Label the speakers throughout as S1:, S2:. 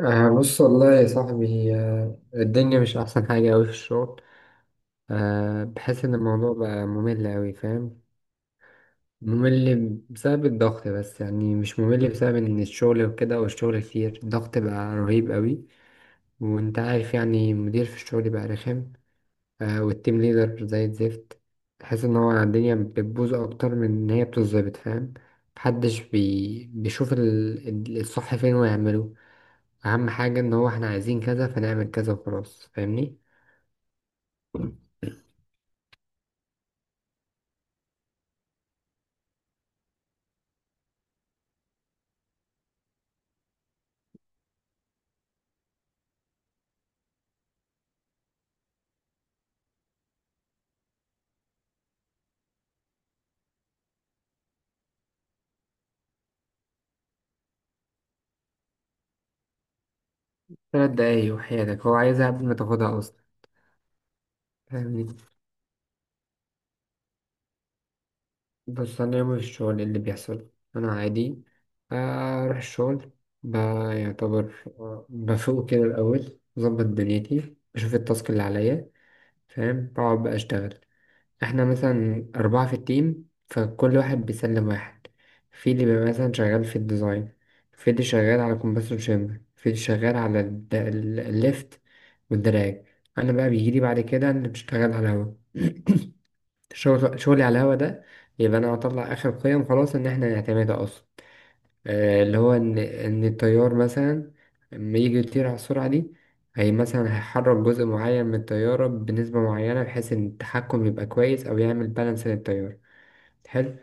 S1: آه بص والله يا صاحبي، آه الدنيا مش أحسن حاجة أوي في الشغل. آه بحس إن الموضوع بقى ممل أوي فاهم؟ ممل بسبب الضغط، بس يعني مش ممل بسبب إن الشغل وكده والشغل كتير، الضغط بقى رهيب أوي. وأنت عارف يعني المدير في الشغل بقى رخم، آه والتيم ليدر زي الزفت. تحس إن هو الدنيا بتبوظ أكتر من إن هي بتتظبط فاهم؟ محدش بيشوف الصح فين ويعمله. اهم حاجة ان هو احنا عايزين كذا فنعمل كذا وخلاص، فاهمني؟ 3 دقايق وحياتك هو عايزها قبل ما تاخدها اصلا، فاهمني؟ بس انا يومي في الشغل إيه اللي بيحصل؟ انا عادي، اروح الشغل، بيعتبر، بفوق كده الاول بظبط دنيتي بشوف التاسك اللي عليا، فاهم؟ بقعد بقى اشتغل. احنا مثلا 4 في التيم، فكل واحد بيسلم واحد. في اللي بيبقى مثلا شغال في الديزاين، في اللي شغال على كومبرسور شامبر، في اللي شغال على الليفت والدراج. أنا بقى بيجيلي بعد كده اللي بشتغل على الهوا. شغل شغلي على الهوا ده، يبقى أنا هطلع آخر قيم خلاص إن احنا نعتمدها أصلا. اللي هو إن الطيار مثلا لما يجي يطير على السرعة دي، هي مثلا هيحرك جزء معين من الطيارة بنسبة معينة بحيث إن التحكم يبقى كويس أو يعمل بالانس للطيارة. حلو.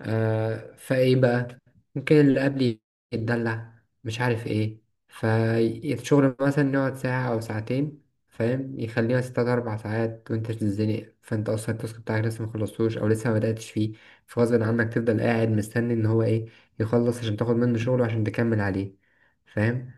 S1: فايه بقى؟ ممكن اللي قبلي يتدلع مش عارف ايه، فالشغل مثلا يقعد ساعة أو ساعتين فاهم؟ يخليها ستة 4 ساعات وأنت تتزنق، فأنت أصلا التاسك بتاعك لسه مخلصتوش أو لسه ما بدأتش فيه. فغصب عنك تفضل قاعد مستني إن هو إيه، يخلص عشان تاخد منه شغله عشان تكمل عليه، فاهم؟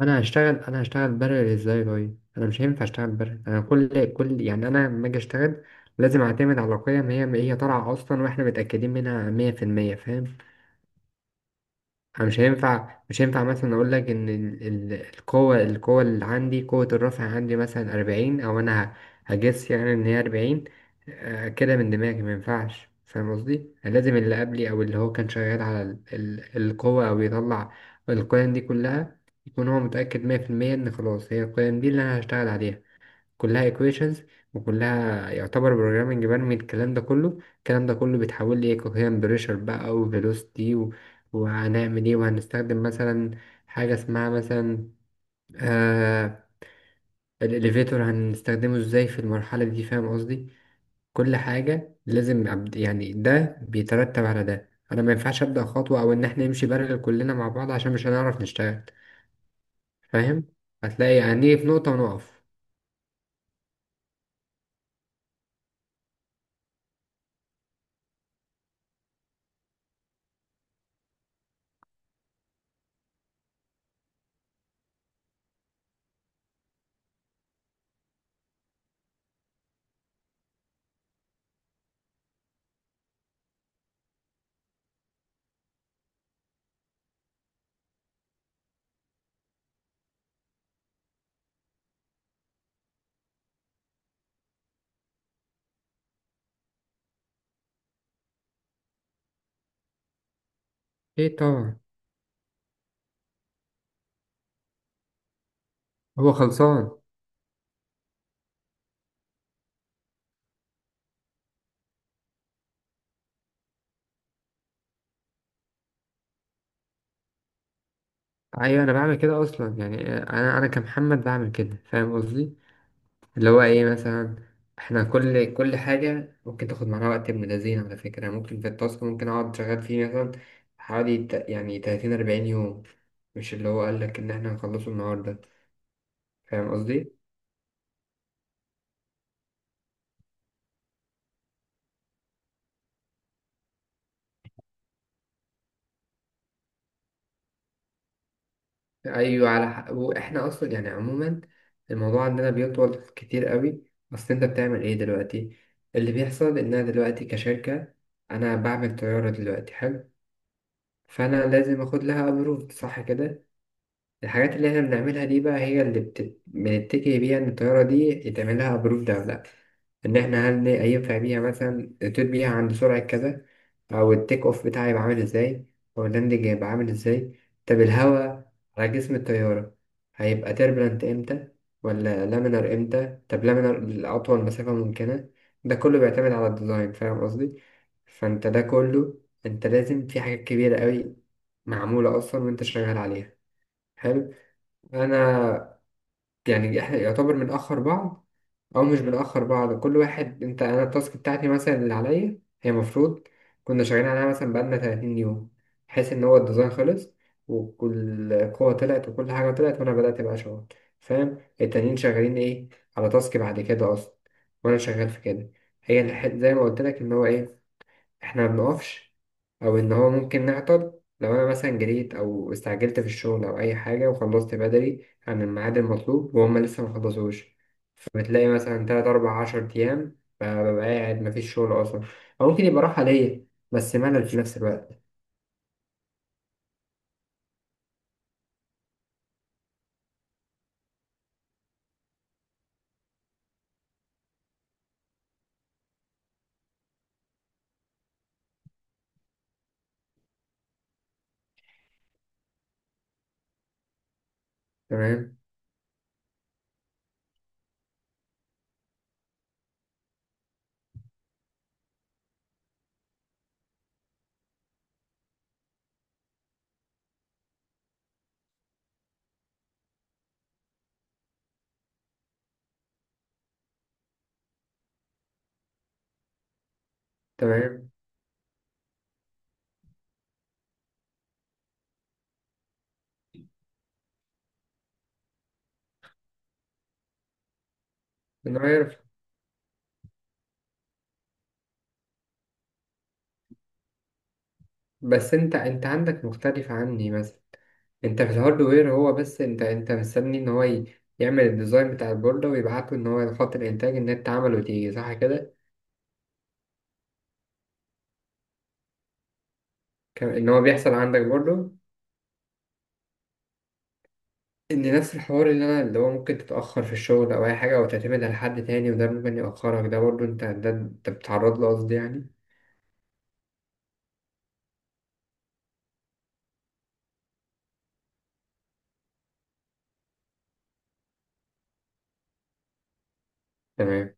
S1: انا هشتغل انا هشتغل برر ازاي؟ طيب انا مش هينفع اشتغل برر. انا كل يعني انا لما اجي اشتغل لازم اعتمد على قيم هي طالعه اصلا واحنا متاكدين منها 100% فاهم؟ أنا مش هينفع مثلا أقول لك إن القوة اللي عندي، قوة الرفع عندي مثلا 40، أو أنا هجس يعني إن هي 40. كده من دماغي مينفعش فاهم قصدي؟ لازم اللي قبلي أو اللي هو كان شغال على القوة أو بيطلع القيم دي كلها، يكون هو متأكد 100% إن خلاص هي القيم دي اللي أنا هشتغل عليها. كلها equations وكلها يعتبر programming، برمي الكلام ده كله. الكلام ده كله بيتحول لي coherent pressure بقى و velocity وهنعمل ايه؟ وهنستخدم مثلا حاجة اسمها مثلا، آه الاليفيتور هنستخدمه ازاي في المرحلة دي فاهم قصدي؟ كل حاجة لازم يعني ده بيترتب على ده، انا ما ينفعش ابدأ خطوة او ان احنا نمشي بارلل كلنا مع بعض عشان مش هنعرف نشتغل فاهم؟ هتلاقي هنيجي في نقطة ونقف. ايه طبعا. هو خلصان. ايوه انا بعمل كده اصلا يعني، انا كمحمد بعمل كده فاهم قصدي؟ اللي هو ايه مثلا، احنا كل حاجه ممكن تاخد معانا وقت ابن لذين على فكره، يعني ممكن في التاسك ممكن اقعد شغال فيه مثلا حوالي يعني 30 40 يوم. مش اللي هو قال لك ان احنا هنخلصه النهارده، فاهم قصدي؟ ايوه على حق. واحنا اصلا يعني عموما الموضوع عندنا بيطول كتير قوي. اصل انت بتعمل ايه دلوقتي؟ اللي بيحصل ان انا دلوقتي كشركه انا بعمل طياره دلوقتي. حلو. فانا لازم اخد لها ابروف، صح كده؟ الحاجات اللي احنا بنعملها دي بقى هي اللي بنتكي بيها ان الطياره دي يتعمل لها ابروف ده ولا لا، ان احنا هل ينفع بيها مثلا تطير بيها عند سرعه كذا، او التيك اوف بتاعي يبقى عامل ازاي، او اللاندنج يبقى عامل ازاي، طب الهواء على جسم الطياره هيبقى تربلنت امتى ولا لامينر امتى؟ طب لامينر لاطول مسافه ممكنه. ده كله بيعتمد على الديزاين فاهم قصدي؟ فانت ده كله، انت لازم في حاجات كبيره قوي معمولة أصلا وأنت شغال عليها. حلو. أنا يعني إحنا يعتبر بنأخر بعض أو مش بنأخر بعض، كل واحد، أنت أنا التاسك بتاعتي مثلا اللي عليا هي المفروض كنا شغالين عليها مثلا بقالنا 30 يوم، بحيث إن هو الديزاين خلص وكل قوة طلعت وكل حاجة طلعت وأنا بدأت بقى شغل، فاهم؟ التانيين شغالين إيه؟ على تاسك بعد كده أصلا وأنا شغال في كده. هي زي ما قلت لك إن هو إيه، احنا ما بنقفش او ان هو ممكن نعطل. لو انا مثلا جريت او استعجلت في الشغل او اي حاجه وخلصت بدري عن الميعاد المطلوب وهم لسه ما خلصوش، فبتلاقي مثلا 3 4 10 ايام فببقى قاعد ما فيش شغل اصلا، او ممكن يبقى راحه ليا بس ملل في نفس الوقت. تمام. تمام، انا عارف. بس انت عندك مختلف عني مثلا. انت في الهاردوير، هو بس انت مستني ان هو يعمل الديزاين بتاع البوردة ويبعته ان هو لخط الانتاج ان انت عمله وتيجي، صح كده؟ كان ان هو بيحصل عندك برضو ان نفس الحوار اللي انا، اللي هو ممكن تتاخر في الشغل او اي حاجه او تعتمد على حد تاني وده ممكن ياخرك، ده برضو انت، ده انت بتتعرض له قصدي يعني. تمام.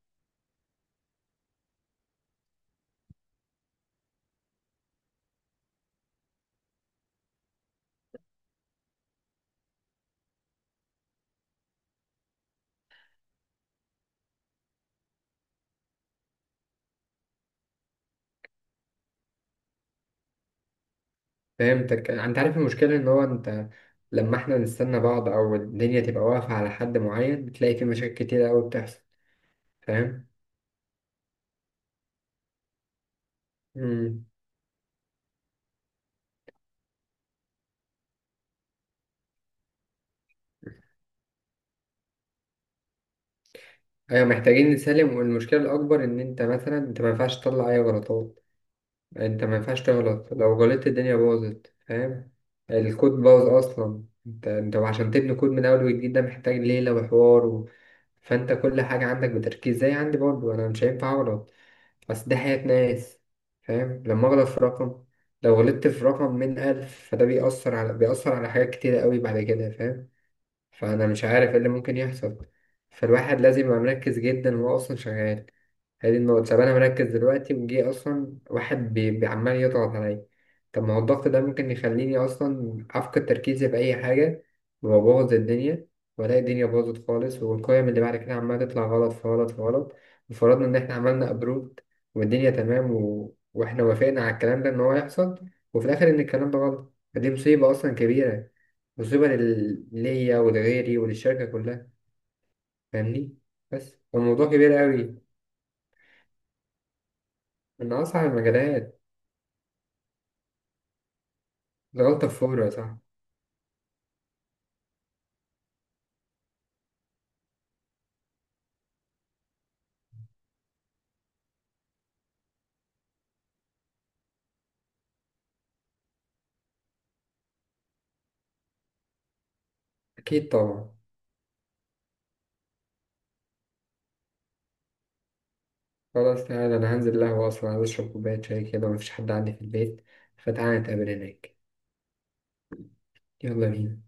S1: فهمتك. انت عارف المشكله ان هو انت لما احنا نستنى بعض او الدنيا تبقى واقفه على حد معين، بتلاقي في مشاكل كتير قوي بتحصل فاهم؟ امم، ايوه محتاجين نسلم. والمشكله الاكبر ان انت مثلا انت ما ينفعش تطلع اي غلطات. انت ما ينفعش تغلط، لو غلطت الدنيا باظت فاهم؟ الكود باظ اصلا. انت عشان تبني كود من اول وجديد ده محتاج ليلة وحوار فانت كل حاجة عندك بتركيز زي عندي، برضه انا مش هينفع اغلط. بس ده حياة ناس، فاهم؟ لما اغلط في رقم، لو غلطت في رقم من ألف فده بيأثر على حاجات كتيرة قوي بعد كده فاهم؟ فأنا مش عارف إيه اللي ممكن يحصل. فالواحد لازم يبقى مركز جدا وهو أصلا شغال هذه النقطة. طب أنا مركز دلوقتي وجي أصلا واحد عمال يضغط عليا، طب ما هو الضغط ده ممكن يخليني أصلا أفقد تركيزي في أي حاجة وأبوظ الدنيا، وألاقي الدنيا باظت خالص، والقيم اللي بعد كده عمالة تطلع غلط في غلط في غلط. وفرضنا إن إحنا عملنا أبروت والدنيا تمام وإحنا وافقنا على الكلام ده إن هو يحصل، وفي الآخر إن الكلام ده غلط، فدي مصيبة أصلا كبيرة. مصيبة ليا ولغيري وللشركة كلها فاهمني؟ بس الموضوع كبير قوي. من أصعب المجالات. الغلطة فورة صح. أكيد طبعا. خلاص تعالى، أنا هنزل قهوة أصلا عايز أشرب كوباية شاي كده، مفيش حد عندي في البيت، فتعالى نتقابل هناك. يلا بينا.